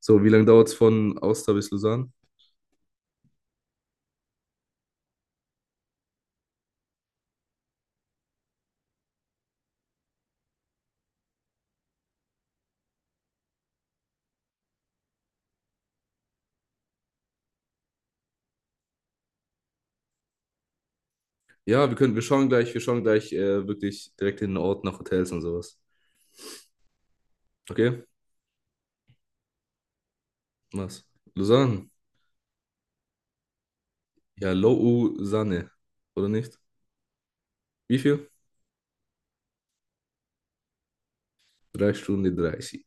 So, wie lange dauert es von Aosta bis Lausanne? Ja, wir können, wir schauen gleich, wirklich direkt in den Ort nach Hotels und sowas. Okay? Was? Lausanne. Ja, Lausanne. Oder nicht? Wie viel? 3 Stunden 30.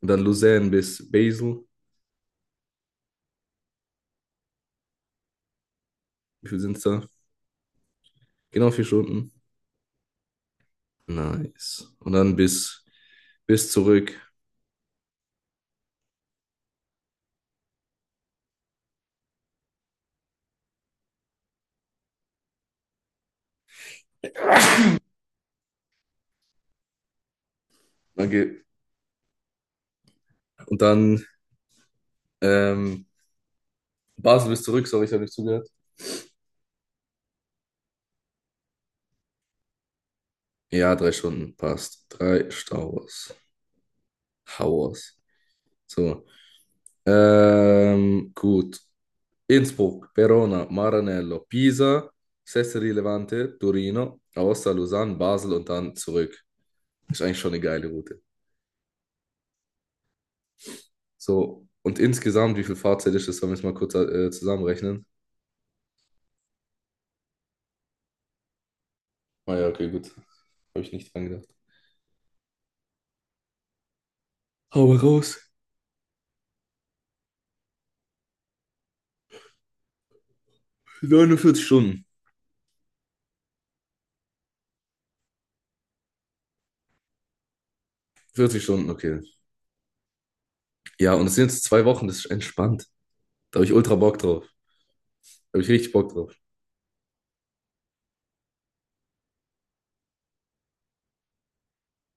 Und dann Lausanne bis Basel. Wie viel sind es da? Genau 4 Stunden. Nice. Und dann bis, zurück. Dann geht, und dann ähm, Basel bis zurück, sorry, ich habe nicht zugehört. Ja, 3 Stunden, passt. Drei Stauers hours. So. Gut. Innsbruck, Verona, Maranello, Pisa, Sestri Levante, Torino, Aosta, Lausanne, Basel und dann zurück. Ist eigentlich schon eine geile Route. So, und insgesamt, wie viel Fahrzeit ist das? Sollen wir es mal kurz zusammenrechnen? Ah ja, okay, gut. Habe ich nicht dran gedacht. Hau raus. 49 Stunden. 40 Stunden, okay. Ja, und es sind jetzt 2 Wochen, das ist entspannt. Da habe ich ultra Bock drauf. Da habe ich richtig Bock drauf.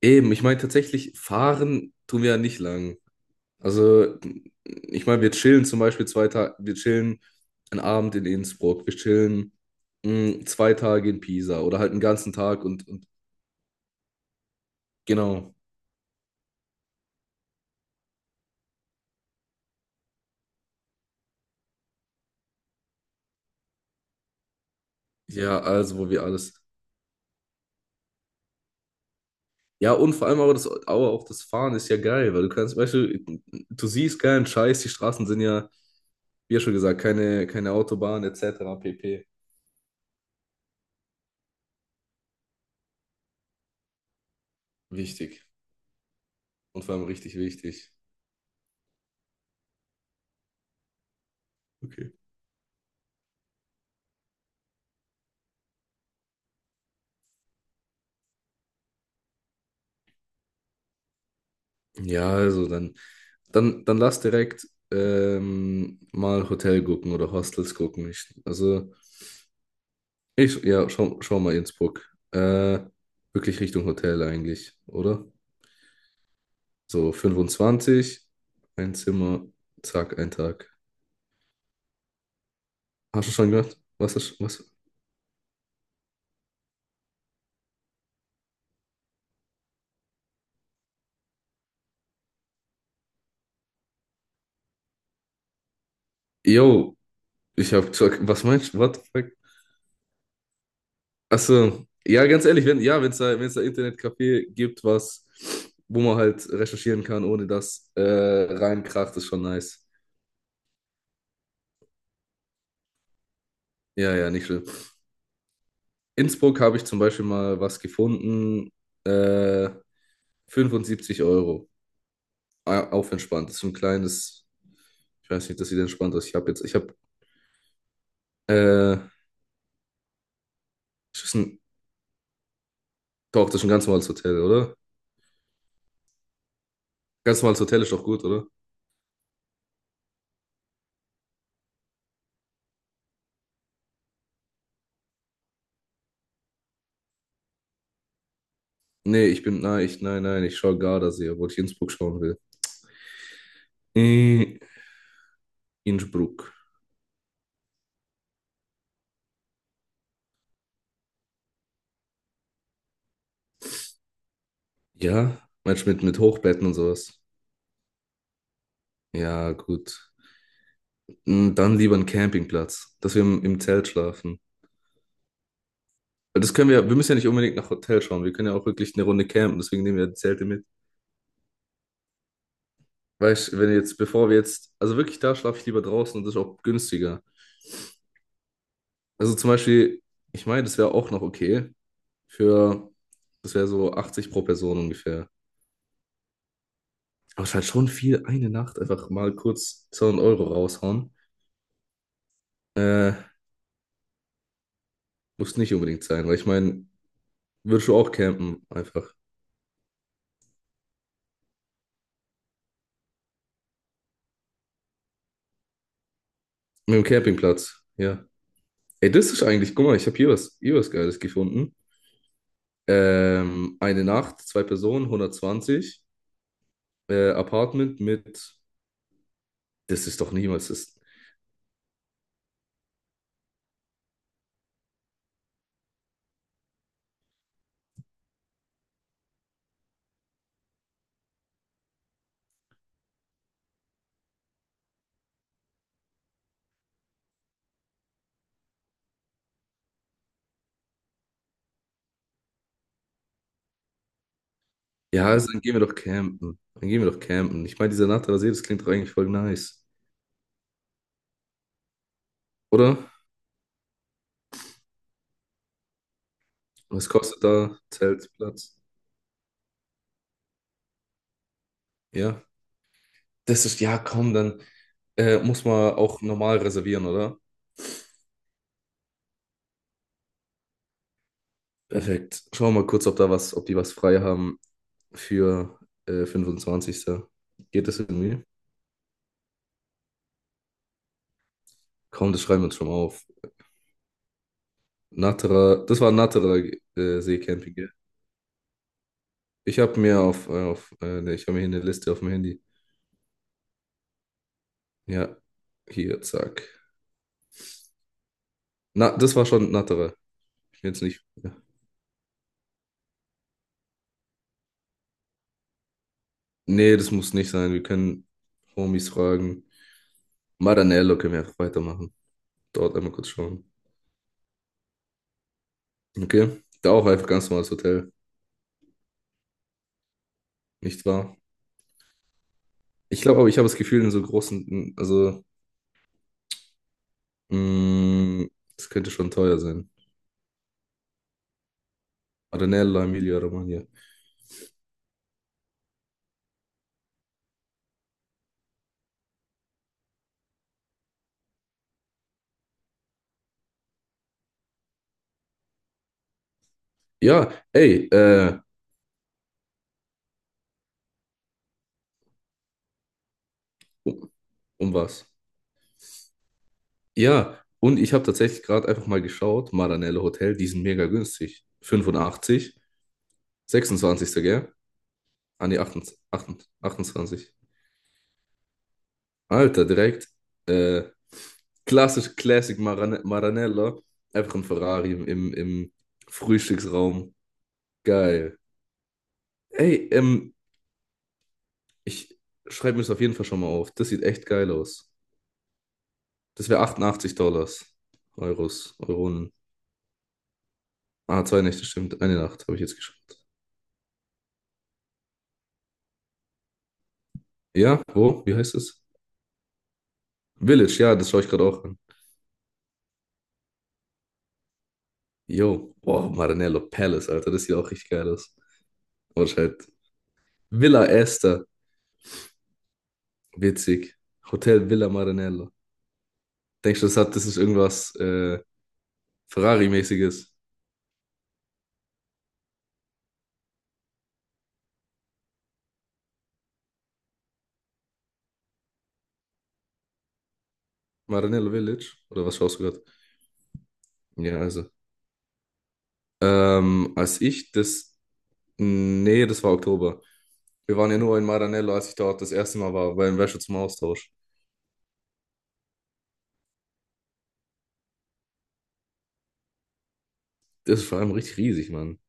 Eben, ich meine tatsächlich, fahren tun wir ja nicht lang. Also, ich meine, wir chillen zum Beispiel 2 Tage, wir chillen einen Abend in Innsbruck, wir chillen 2 Tage in Pisa oder halt einen ganzen Tag und, genau. Ja, also, wo wir alles. Ja, und vor allem aber, das, aber auch das Fahren ist ja geil, weil du kannst, weißt du, du siehst keinen Scheiß, die Straßen sind ja, wie ja schon gesagt, keine, Autobahn etc. pp. Wichtig. Und vor allem richtig wichtig. Okay. Ja, also dann lass direkt mal Hotel gucken oder Hostels gucken. Ich, also, ich, ja, schau mal Innsbruck. Äh, wirklich Richtung Hotel eigentlich, oder? So 25, ein Zimmer, zack, ein Tag. Hast du schon gehört? Was ist, was? Yo, ich hab gesagt, was meinst du? What the fuck? Achso, ja, ganz ehrlich, wenn ja, wenn es da, Internetcafé gibt, was, wo man halt recherchieren kann, ohne dass reinkracht, ist schon nice. Ja, ja, nicht schlimm. Innsbruck habe ich zum Beispiel mal was gefunden, äh, 75 Euro, auf entspannt. Das ist so ein kleines, ich weiß nicht, das sieht entspannt aus. Ich habe jetzt, ich habe, äh, ist das ein, doch, das ist ein ganz normales Hotel, oder? Ganz normales Hotel ist doch gut, oder? Nee, ich bin, nein, ich, nein, nein, ich schaue Gardasee, obwohl ich Innsbruck schauen will. Äh, Innsbruck. Ja, meinst du mit, Hochbetten und sowas? Ja, gut. Dann lieber einen Campingplatz, dass wir im, Zelt schlafen. Weil das können wir, ja, wir müssen ja nicht unbedingt nach Hotel schauen. Wir können ja auch wirklich eine Runde campen, deswegen nehmen wir die Zelte mit. Weißt du, wenn jetzt, bevor wir jetzt, also wirklich, da schlafe ich lieber draußen und das ist auch günstiger. Also zum Beispiel, ich meine, das wäre auch noch okay für, das wäre so 80 pro Person ungefähr. Aber es ist halt schon viel, eine Nacht einfach mal kurz 200 € raushauen. Äh, muss nicht unbedingt sein, weil ich meine, würdest du auch campen, einfach. Mit dem Campingplatz, ja. Ey, das ist eigentlich, guck mal, ich habe hier was Geiles gefunden. Eine Nacht, 2 Personen, 120 Apartment mit, das ist doch niemals, das, ja, also dann gehen wir doch campen. Dann gehen wir doch campen. Ich meine, dieser Natterer See, das klingt doch eigentlich voll nice, oder? Was kostet da Zelt, Platz? Ja, das ist, ja, komm, dann muss man auch normal reservieren, oder? Perfekt. Schauen wir mal kurz, ob da was, ob die was frei haben. Für 25. Geht das irgendwie? Komm, das schreiben wir uns schon mal auf. Natterer, das war Natterer Seecamping, gell? Ich habe mir auf ne, ich habe mir hier eine Liste auf dem Handy. Ja, hier, zack. Na, das war schon Natterer. Ich bin jetzt nicht. Ja. Nee, das muss nicht sein. Wir können Homies fragen. Maranello können wir einfach weitermachen. Dort einmal kurz schauen. Okay? Da auch einfach ganz normales Hotel. Nicht wahr? Ich glaube aber, ich habe das Gefühl, in so großen, also, Mm, das könnte schon teuer sein. Arenella, Emilia, Romagna. Ja, ey, um, was? Ja, und ich habe tatsächlich gerade einfach mal geschaut, Maranello Hotel, die sind mega günstig. 85, 26, gell? Ah, nee, 28, 28. Alter, direkt. Äh, klassisch Classic Maranello. Einfach ein Ferrari im, Frühstücksraum. Geil. Ey, ich schreibe mir das auf jeden Fall schon mal auf. Das sieht echt geil aus. Das wäre 88 Dollars. Euros, Euronen. Ah, 2 Nächte, stimmt. Eine Nacht habe ich jetzt geschaut. Ja, wo? Wie heißt es? Village, ja, das schaue ich gerade auch an. Yo, wow, Maranello Palace, Alter, das sieht auch richtig geil aus. Oder halt Villa Esther, witzig. Hotel Villa Maranello. Denkst du, das hat, das ist irgendwas Ferrari-mäßiges? Maranello Village? Oder was schaust du gerade? Ja, also. Als ich das. Nee, das war Oktober. Wir waren ja nur in Maranello, als ich dort das erste Mal war, beim Wäsche zum Austausch. Das ist vor allem richtig riesig, Mann.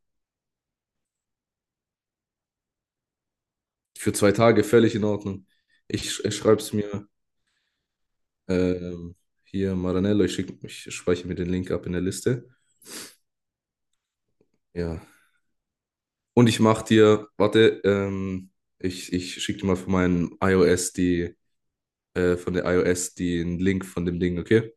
Für 2 Tage völlig in Ordnung. Ich schreibe es mir ähm, hier, Maranello. Ich speichere mir den Link ab in der Liste. Ja. Und ich mache dir, warte, ich schicke dir mal von meinem iOS die, von der iOS den Link von dem Ding, okay?